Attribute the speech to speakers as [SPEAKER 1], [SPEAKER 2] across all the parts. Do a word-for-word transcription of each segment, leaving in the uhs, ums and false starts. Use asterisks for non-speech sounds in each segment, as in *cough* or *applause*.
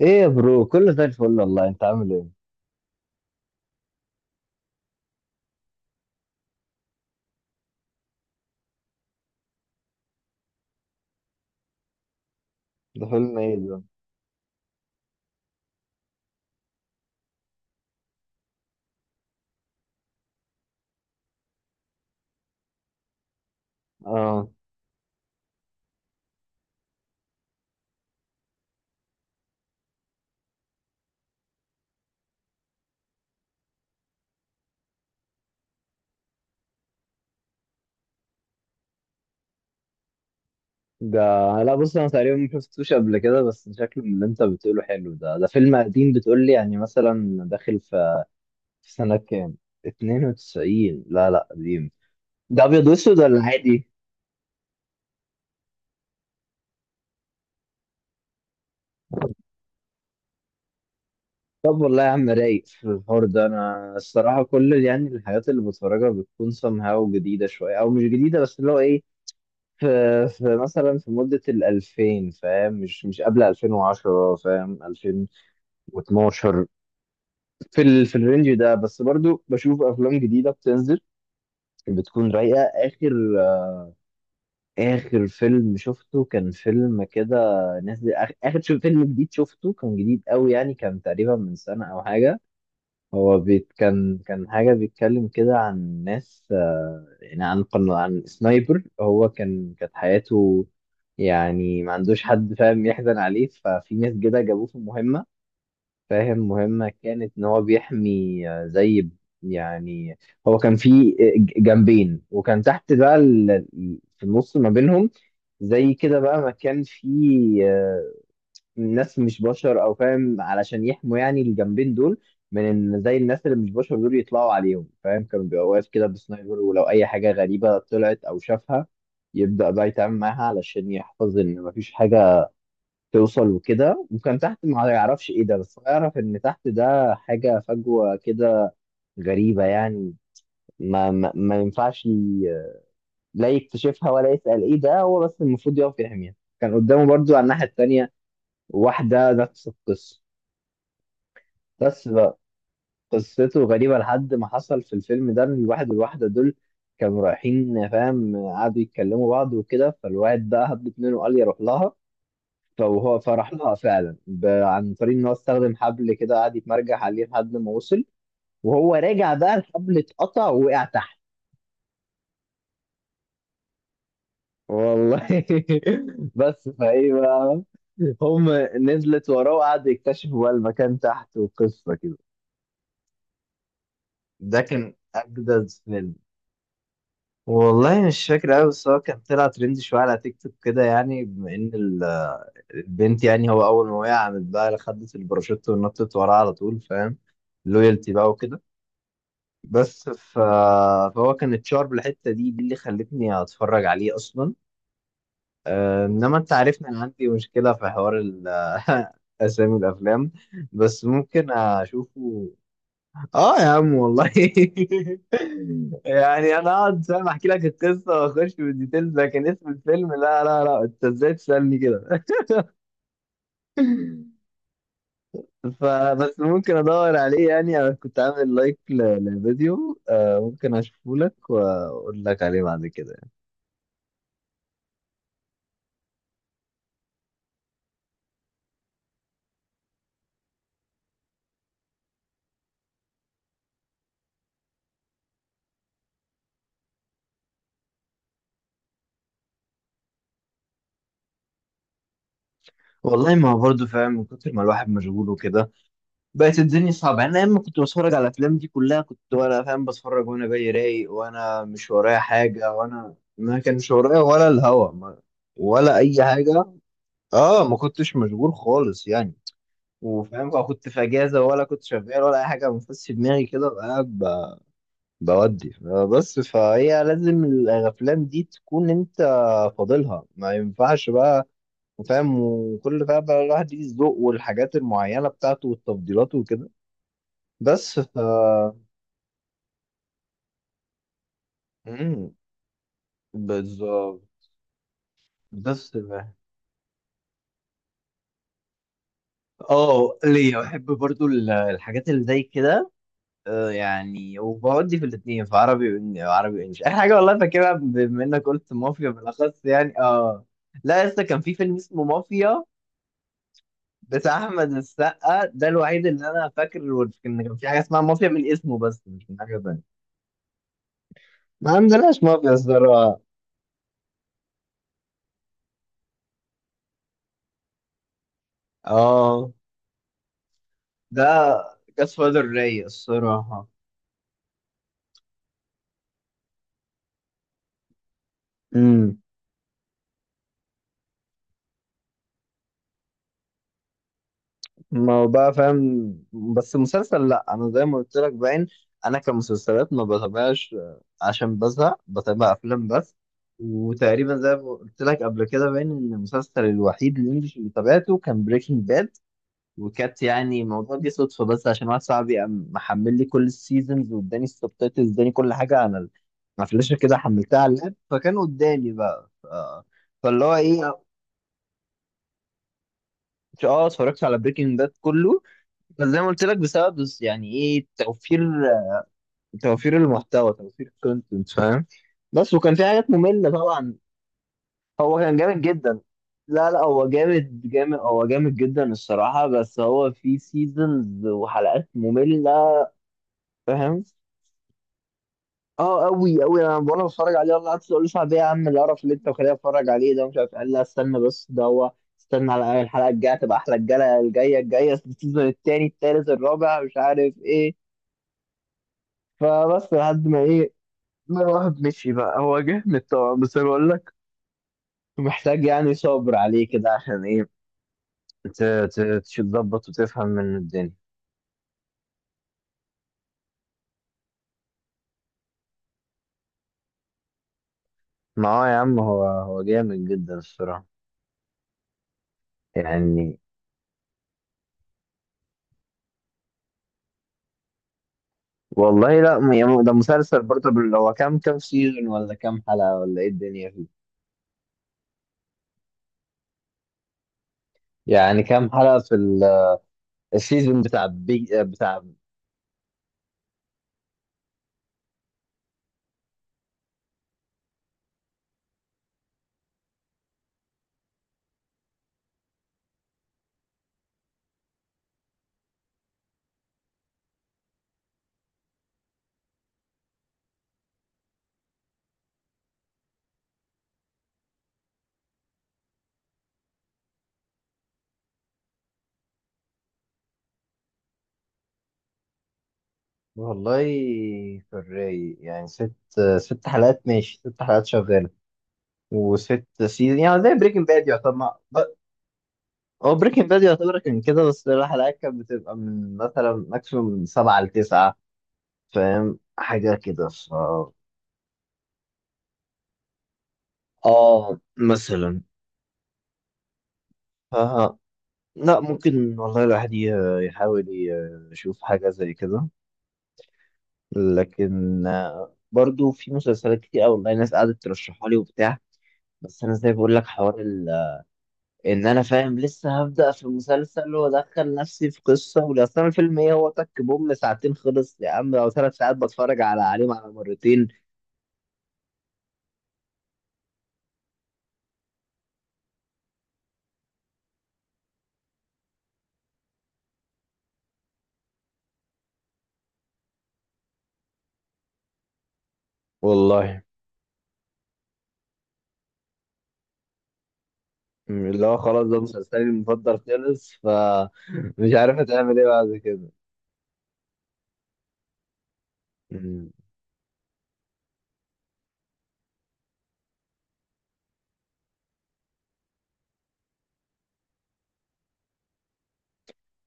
[SPEAKER 1] ايه يا برو، كله زي الفل والله. انت عامل ايه؟ ده فيلم ايه ده؟ اه. ده لا بص، انا تقريبا ما شفتوش قبل كده، بس شكله من اللي انت بتقوله حلو. ده ده فيلم قديم بتقول لي؟ يعني مثلا داخل في في سنة كام؟ اتنين وتسعين؟ لا لا قديم. ده ابيض واسود ولا عادي؟ طب والله يا عم رايق في الحوار ده. انا الصراحة كل يعني الحاجات اللي بتفرجها بتكون somehow جديدة شوية، او مش جديدة بس اللي هو ايه، في في مثلا في مدة الألفين، فاهم؟ مش مش قبل ألفين وعشرة، فاهم؟ و اتناشر، في ال... في الرينج ده، بس برضو بشوف افلام جديده بتنزل، بتكون رايقه. اخر اخر فيلم شفته كان فيلم كده نازل، آخ- اخر شو فيلم جديد شفته، كان جديد قوي يعني، كان تقريبا من سنه او حاجه. هو بيت كان كان حاجه بيتكلم كده عن ناس، آه، يعني عن قن... عن سنايبر. هو كان كانت حياته يعني ما عندوش حد، فاهم، يحزن عليه. ففي ناس كده جابوه في مهمه، فاهم، مهمة كانت إن هو بيحمي، آه، زي يعني. هو كان في ج- جنبين، وكان تحت بقى ال- في النص ما بينهم زي كده بقى مكان فيه، آه، ناس مش بشر أو فاهم، علشان يحموا يعني الجنبين دول من إن زي الناس اللي مش بشر دول يطلعوا عليهم، فاهم. كانوا بيبقى واقف كده بسنايبر، ولو أي حاجة غريبة طلعت أو شافها يبدأ بقى يتعامل معاها علشان يحفظ إن مفيش حاجة توصل، وكده. وكان تحت ما يعرفش ايه ده، بس هو يعرف ان تحت ده حاجة فجوة كده غريبة يعني. ما ما, ما ينفعش ي- لا يكتشفها ولا يسأل ايه ده، هو بس المفروض يقف يحميها. كان قدامه برضو على الناحية التانية واحدة نفس القصة. بس بقى قصته غريبة. لحد ما حصل في الفيلم ده ان الواحد والواحدة دول كانوا رايحين، فاهم، قعدوا يتكلموا بعض وكده، فالواحد بقى هب منه وقال يروح لها. فهو فراح لها فعلا، ب... عن طريق ان هو استخدم حبل كده، قعد يتمرجح عليه لحد ما وصل. وهو راجع بقى الحبل اتقطع ووقع تحت. والله *laughs* بس فايه بقى، هم نزلت وراه، وقعدوا يكتشفوا بقى المكان تحت وقصه كده. ده كان اجدد فيلم. والله مش فاكر قوي، بس هو كان طلع ترند شويه على تيك توك كده، يعني بما ان ال- البنت يعني، هو اول ما وقع، عملت بقى خدت الباراشوت ونطت وراه على طول، فاهم، لويالتي بقى وكده. بس ف... فهو كان اتشارب الحته دي دي اللي خلتني اتفرج عليه اصلا. آه، انما انت عارفني، انا عندي مشكله في حوار ال... *laughs* اسامي الافلام، بس ممكن اشوفه. اه يا عم والله *laughs* يعني انا اقعد، فاهم، احكي لك القصه واخش في الديتيلز، لكن اسم الفيلم لا لا لا، انت ازاي تسالني كده؟ *laughs* فبس ممكن ادور عليه يعني. انا كنت عامل لايك للفيديو، آه، ممكن اشوفه لك واقول لك عليه بعد كده. والله ما هو برضه، فاهم، من كتر ما الواحد مشغول وكده بقت الدنيا صعبة يعني. أنا لما كنت بتفرج على الأفلام دي كلها، كنت وأنا، فاهم، بتفرج وأنا جاي رايق، وأنا مش ورايا حاجة، وأنا ما كانش ورايا ولا الهوا ما- ولا أي حاجة. أه، ما كنتش مشغول خالص يعني. وفاهم بقى، كنت في أجازة ولا كنت شغال ولا أي حاجة، بنفس في دماغي كده، بقى قاعد ب- بودي. بس فهي لازم الأفلام دي تكون أنت فاضلها، ما ينفعش بقى، فاهم. وكل بقى بقى الواحد ليه الذوق والحاجات المعينة بتاعته والتفضيلات وكده. بس ف، مم، بالظبط. بس بقى. اه، ليا بحب برضو ال- الحاجات اللي زي كده. آه، يعني وبودي في الاثنين، في عربي وإن- عربي وانجلش، اي حاجه والله فاكرها. بما انك قلت مافيا بالاخص يعني، اه، لا لسه كان في فيلم اسمه مافيا بتاع احمد السقا، ده الوحيد اللي انا فاكر. وال- ان كان في حاجه اسمها مافيا من اسمه بس مش من حاجه ثانيه. ما عندناش مافيا الصراحه. اه. ده جاد فادر رايق الصراحة. امم. ما هو بقى، فاهم. بس مسلسل، لا، انا زي ما قلت لك باين، انا كمسلسلات ما بتابعش، آه، عشان بزهق، بتابع افلام بس. وتقريبا زي ما قلت لك قبل كده باين ان المسلسل الوحيد الانجليش اللي تابعته كان بريكنج باد. وكانت يعني الموضوع دي صدفة، بس عشان واحد صاحبي قام محمل لي كل السيزونز، واداني السبتايتلز، اداني كل حاجة على ال- على فلاشة كده، حملتها على اللاب، فكان قدامي بقى. ف... فاللي هو ايه. اه، اتفرجت على بريكنج باد كله، بس زي ما قلت لك، بسبب بس يعني ايه، توفير، توفير المحتوى، توفير كونتنت، فاهم. بس وكان في حاجات مملة طبعا. هو كان جامد جدا. لا لا، هو جامد جامد، هو جامد جدا الصراحة، بس هو في سيزونز وحلقات مملة، فاهم. اه قوي قوي، انا وانا بتفرج عليه والله قعدت اقول: صعب ايه يا عم القرف اللي انت مخليني اتفرج عليه ده، مش عارف. قال: لا استنى، بس ده هو، استنى على الحلقه الجايه تبقى احلى، الجايه الجايه الجايه، السيزون التاني التالت الرابع، مش عارف ايه. فبس لحد ما ايه، ما الواحد مشي بقى. هو جامد طبعا، بس انا بقول لك، محتاج يعني صبر عليه كده، عشان ايه، ت- ت- تظبط وتفهم من الدنيا. ما هو يا عم، هو هو جامد جدا الصراحه يعني. والله لا، م- يعني ده مسلسل برضه بال- هو كام كام سيزون ولا كام حلقة ولا ايه الدنيا فيه؟ يعني كام حلقة في ال- السيزون بتاع بيج بتاع؟ والله في الرايق يعني، ست ست حلقات ماشي، ست حلقات شغالة، وست سيزون، يعني زي بريكنج باد يعتبر ب- هو بريكنج باد يعتبر كان كده، بس الحلقات كانت بتبقى من مثلا ماكسيموم من سبعة لتسعة، فاهم، حاجة كده ف، اه مثلا. لا ممكن والله الواحد ي- يحاول ي- يشوف حاجة زي كده. لكن آه، برضو في مسلسلات كتير أوي والله ناس قعدت ترشحها لي وبتاع. بس أنا زي بقول لك حوار ال... إن أنا، فاهم، لسه هبدأ في مسلسل وأدخل نفسي في قصة، ولأصل أنا الفيلم إيه، هو تك بوم ساعتين خلص يا عم، أو ثلاث ساعات بتفرج على عليهم على مرتين. والله م- اللي هو خلاص، ده مسلسلي المفضل خلص، فمش *laughs* عارف هتعمل إيه بعد كده. م.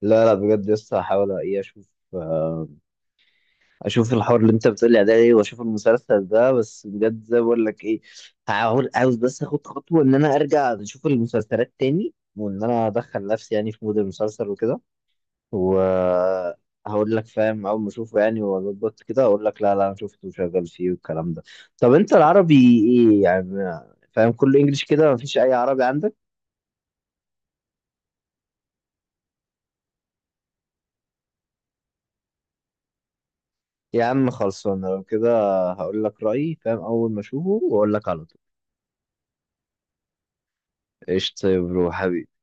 [SPEAKER 1] لا لا بجد، لسه هحاول إيه، أشوف، آه، اشوف الحوار اللي انت بتقولي عليه، واشوف المسلسل ده. بس بجد زي ما بقول لك ايه، هحاول. عاوز بس اخد خطوه ان انا ارجع اشوف المسلسلات تاني، وان انا ادخل نفسي يعني في مود المسلسل وكده، وهقول لك، فاهم، اول ما اشوفه يعني واظبط كده اقول لك: لا لا، انا شفته وشغال فيه والكلام ده. طب انت العربي ايه يعني؟ فاهم، كله انجليش كده، مفيش اي عربي عندك. يا عم خلصانه لو كده، هقول لك رايي، فاهم، اول ما اشوفه واقول لك على طول. قشطة يا برو حبيبي.